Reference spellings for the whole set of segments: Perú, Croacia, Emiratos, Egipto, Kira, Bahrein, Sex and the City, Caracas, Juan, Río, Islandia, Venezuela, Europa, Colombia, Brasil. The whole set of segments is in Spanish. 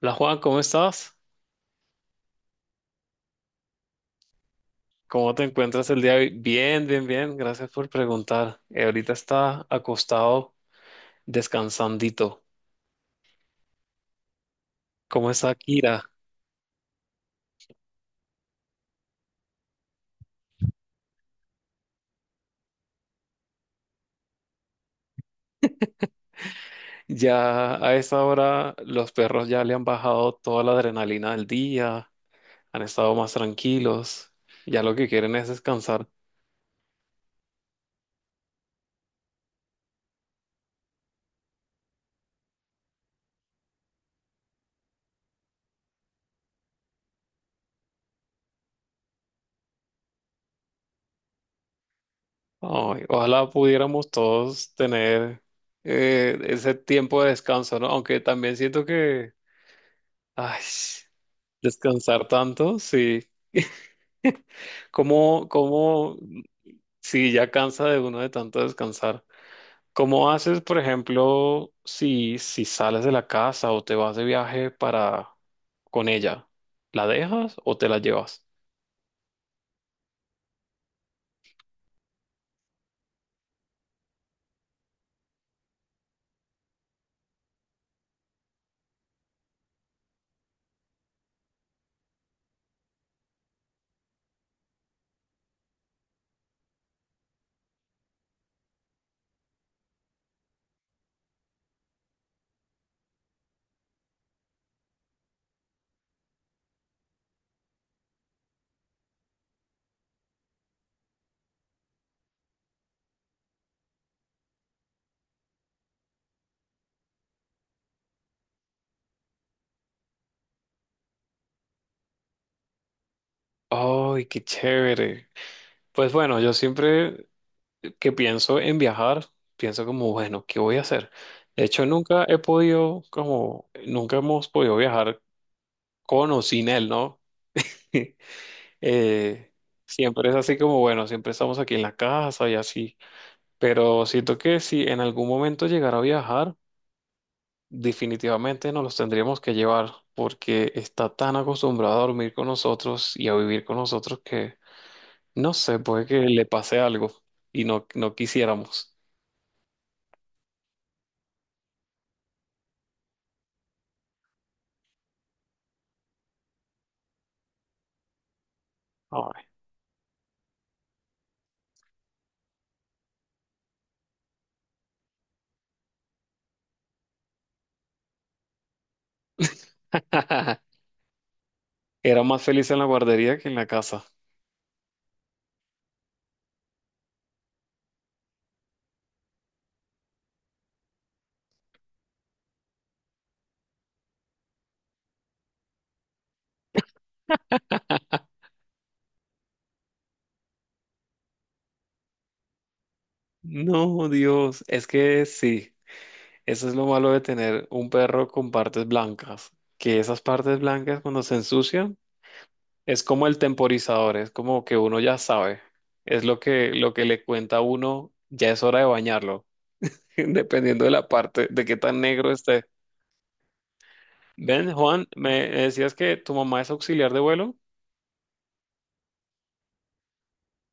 Hola Juan, ¿cómo estás? ¿Cómo te encuentras el día de hoy? Bien, bien, bien. Gracias por preguntar. Ahorita está acostado descansandito. ¿Cómo está Kira? Ya a esta hora los perros ya le han bajado toda la adrenalina del día, han estado más tranquilos. Ya lo que quieren es descansar. Ay, ojalá pudiéramos todos tener ese tiempo de descanso, ¿no? Aunque también siento que, ay, descansar tanto, sí. ¿Cómo, cómo, si ya cansa de uno de tanto descansar, cómo haces, por ejemplo, si sales de la casa o te vas de viaje para con ella? ¿La dejas o te la llevas? ¡Ay, qué chévere! Pues bueno, yo siempre que pienso en viajar, pienso como, bueno, ¿qué voy a hacer? De hecho, nunca he podido, como, nunca hemos podido viajar con o sin él, ¿no? Eh, Siempre es así como, bueno, siempre estamos aquí en la casa y así, pero siento que si en algún momento llegara a viajar, definitivamente nos los tendríamos que llevar porque está tan acostumbrado a dormir con nosotros y a vivir con nosotros que, no sé, puede que le pase algo y no, no quisiéramos. Ay. Era más feliz en la guardería que en la casa. No, Dios, es que sí. Eso es lo malo de tener un perro con partes blancas, que esas partes blancas cuando se ensucian es como el temporizador, es como que uno ya sabe, es lo que le cuenta a uno, ya es hora de bañarlo, dependiendo de la parte, de qué tan negro esté. Ven, Juan, me decías que tu mamá es auxiliar de vuelo,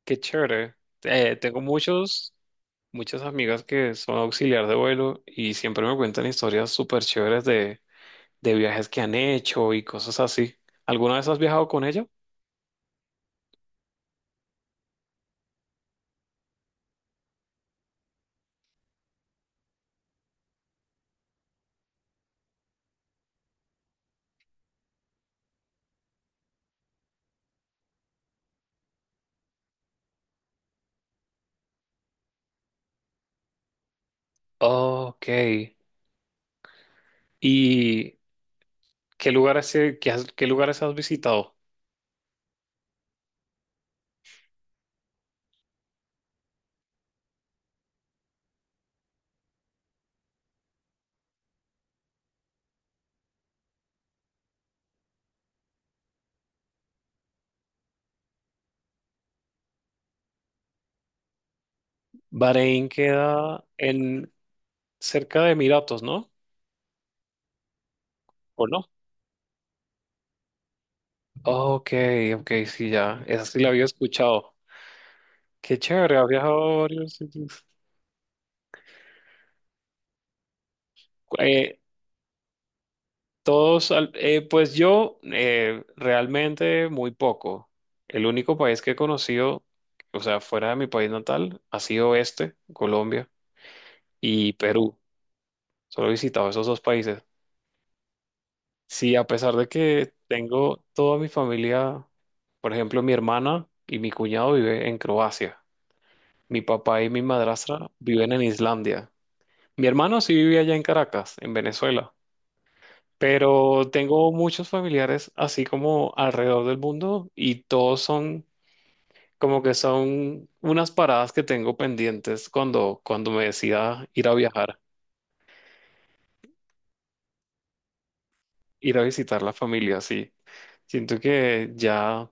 qué chévere. Tengo muchos, muchas amigas que son auxiliar de vuelo y siempre me cuentan historias súper chéveres de viajes que han hecho y cosas así. ¿Alguna vez has viajado con ella? Ok. ¿Y qué lugares, qué lugares has visitado? Bahrein queda en cerca de Emiratos, ¿no? ¿O no? Ok, ok, sí, ya. Esa sí la había escuchado. Qué chévere, has viajado a varios sitios. Eh, pues yo realmente muy poco. El único país que he conocido, o sea, fuera de mi país natal, ha sido este, Colombia, y Perú. Solo he visitado esos dos países. Sí, a pesar de que tengo toda mi familia, por ejemplo, mi hermana y mi cuñado vive en Croacia. Mi papá y mi madrastra viven en Islandia. Mi hermano sí vivía allá en Caracas, en Venezuela. Pero tengo muchos familiares así como alrededor del mundo y todos son como que son unas paradas que tengo pendientes cuando, cuando me decida ir a viajar. Ir a visitar la familia, sí. Siento que ya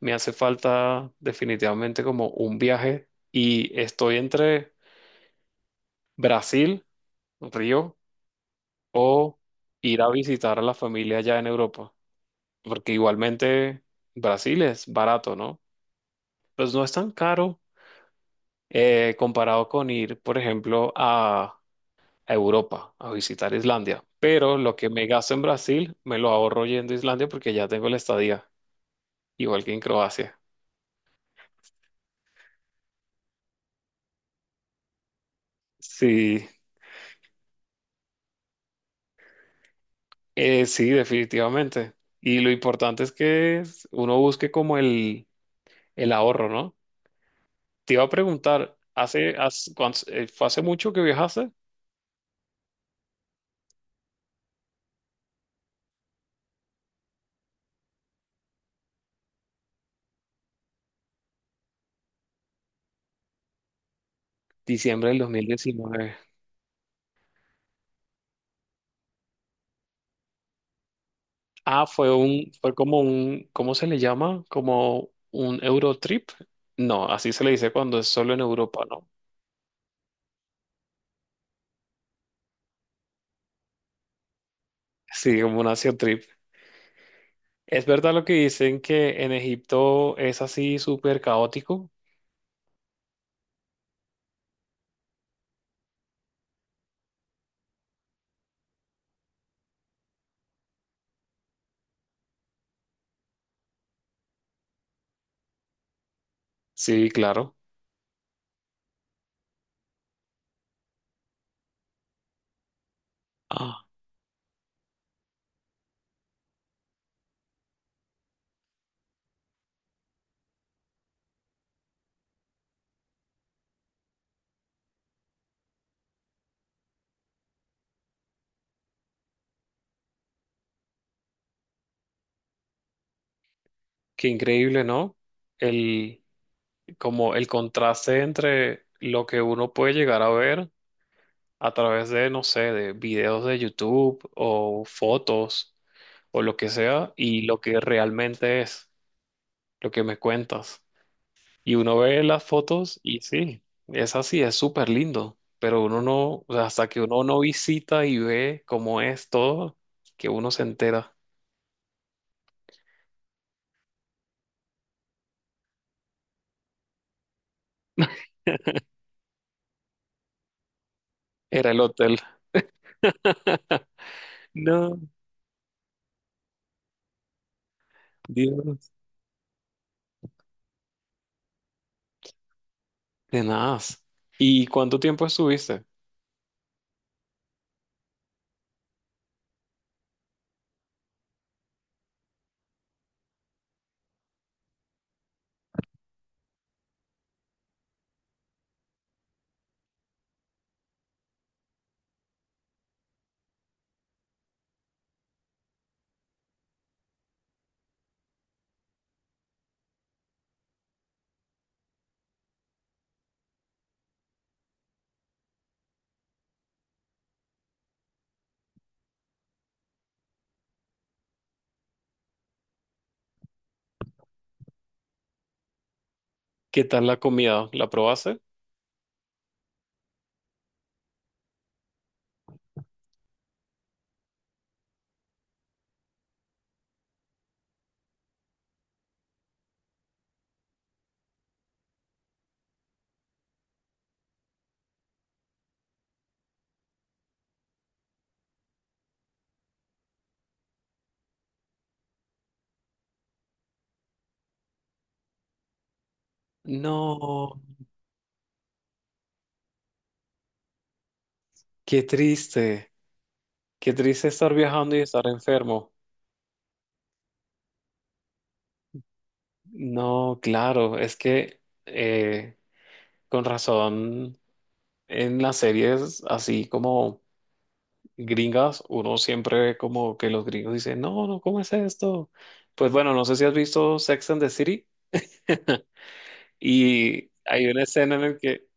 me hace falta definitivamente como un viaje y estoy entre Brasil, Río, o ir a visitar a la familia allá en Europa, porque igualmente Brasil es barato, ¿no? Pues no es tan caro comparado con ir, por ejemplo, a Europa, a visitar Islandia, pero lo que me gasto en Brasil me lo ahorro yendo a Islandia porque ya tengo la estadía, igual que en Croacia. Sí, sí, definitivamente. Y lo importante es uno busque como el ahorro, ¿no? Te iba a preguntar, ¿ fue hace mucho que viajaste? Diciembre del 2019. Ah, fue como un, ¿cómo se le llama? Como un Eurotrip. No, así se le dice cuando es solo en Europa, ¿no? Sí, como un Asia Trip. ¿Es verdad lo que dicen que en Egipto es así súper caótico? Sí, claro. Qué increíble, ¿no? El, Como el contraste entre lo que uno puede llegar a ver a través de, no sé, de videos de YouTube o fotos o lo que sea y lo que realmente es, lo que me cuentas. Y uno ve las fotos y sí, es así, es súper lindo, pero uno no, o sea, hasta que uno no visita y ve cómo es todo, que uno se entera. Era el hotel. No, Dios. De nada. ¿Y cuánto tiempo estuviste? ¿Qué tal la comida? ¿La probaste? No, qué triste. Qué triste estar viajando y estar enfermo. No, claro, es que eh, con razón en las series así como gringas, uno siempre ve como que los gringos dicen, no, no, ¿cómo es esto? Pues bueno, no sé si has visto Sex and the City y hay una escena en la que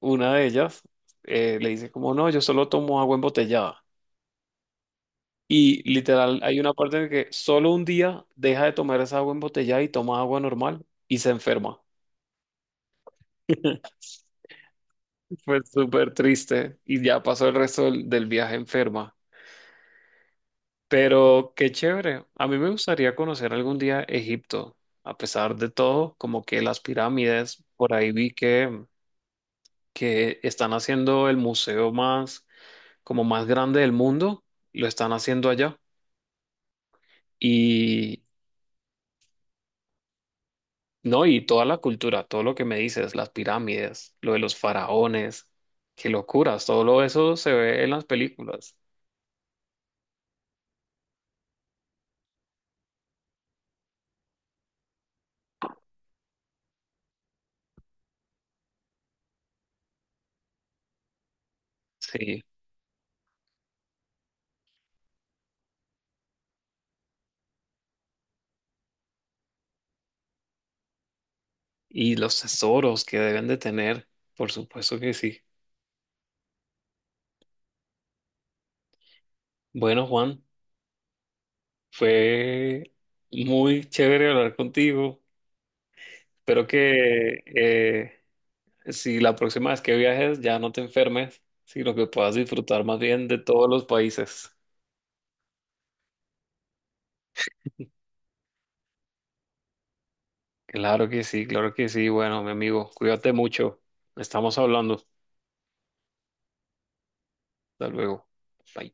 una de ellas le dice como, no, yo solo tomo agua embotellada. Y literal, hay una parte en que solo un día deja de tomar esa agua embotellada y toma agua normal y se enferma. Fue súper triste y ya pasó el resto del viaje enferma. Pero qué chévere. A mí me gustaría conocer algún día Egipto. A pesar de todo, como que las pirámides, por ahí vi que están haciendo el museo más, como más grande del mundo, lo están haciendo allá. Y no, y toda la cultura, todo lo que me dices, las pirámides, lo de los faraones, qué locuras, todo lo eso se ve en las películas. Sí, y los tesoros que deben de tener, por supuesto que sí. Bueno, Juan, fue muy chévere hablar contigo. Espero que si la próxima vez que viajes ya no te enfermes, sino que puedas disfrutar más bien de todos los países. Claro que sí, claro que sí. Bueno, mi amigo, cuídate mucho. Estamos hablando. Hasta luego. Bye.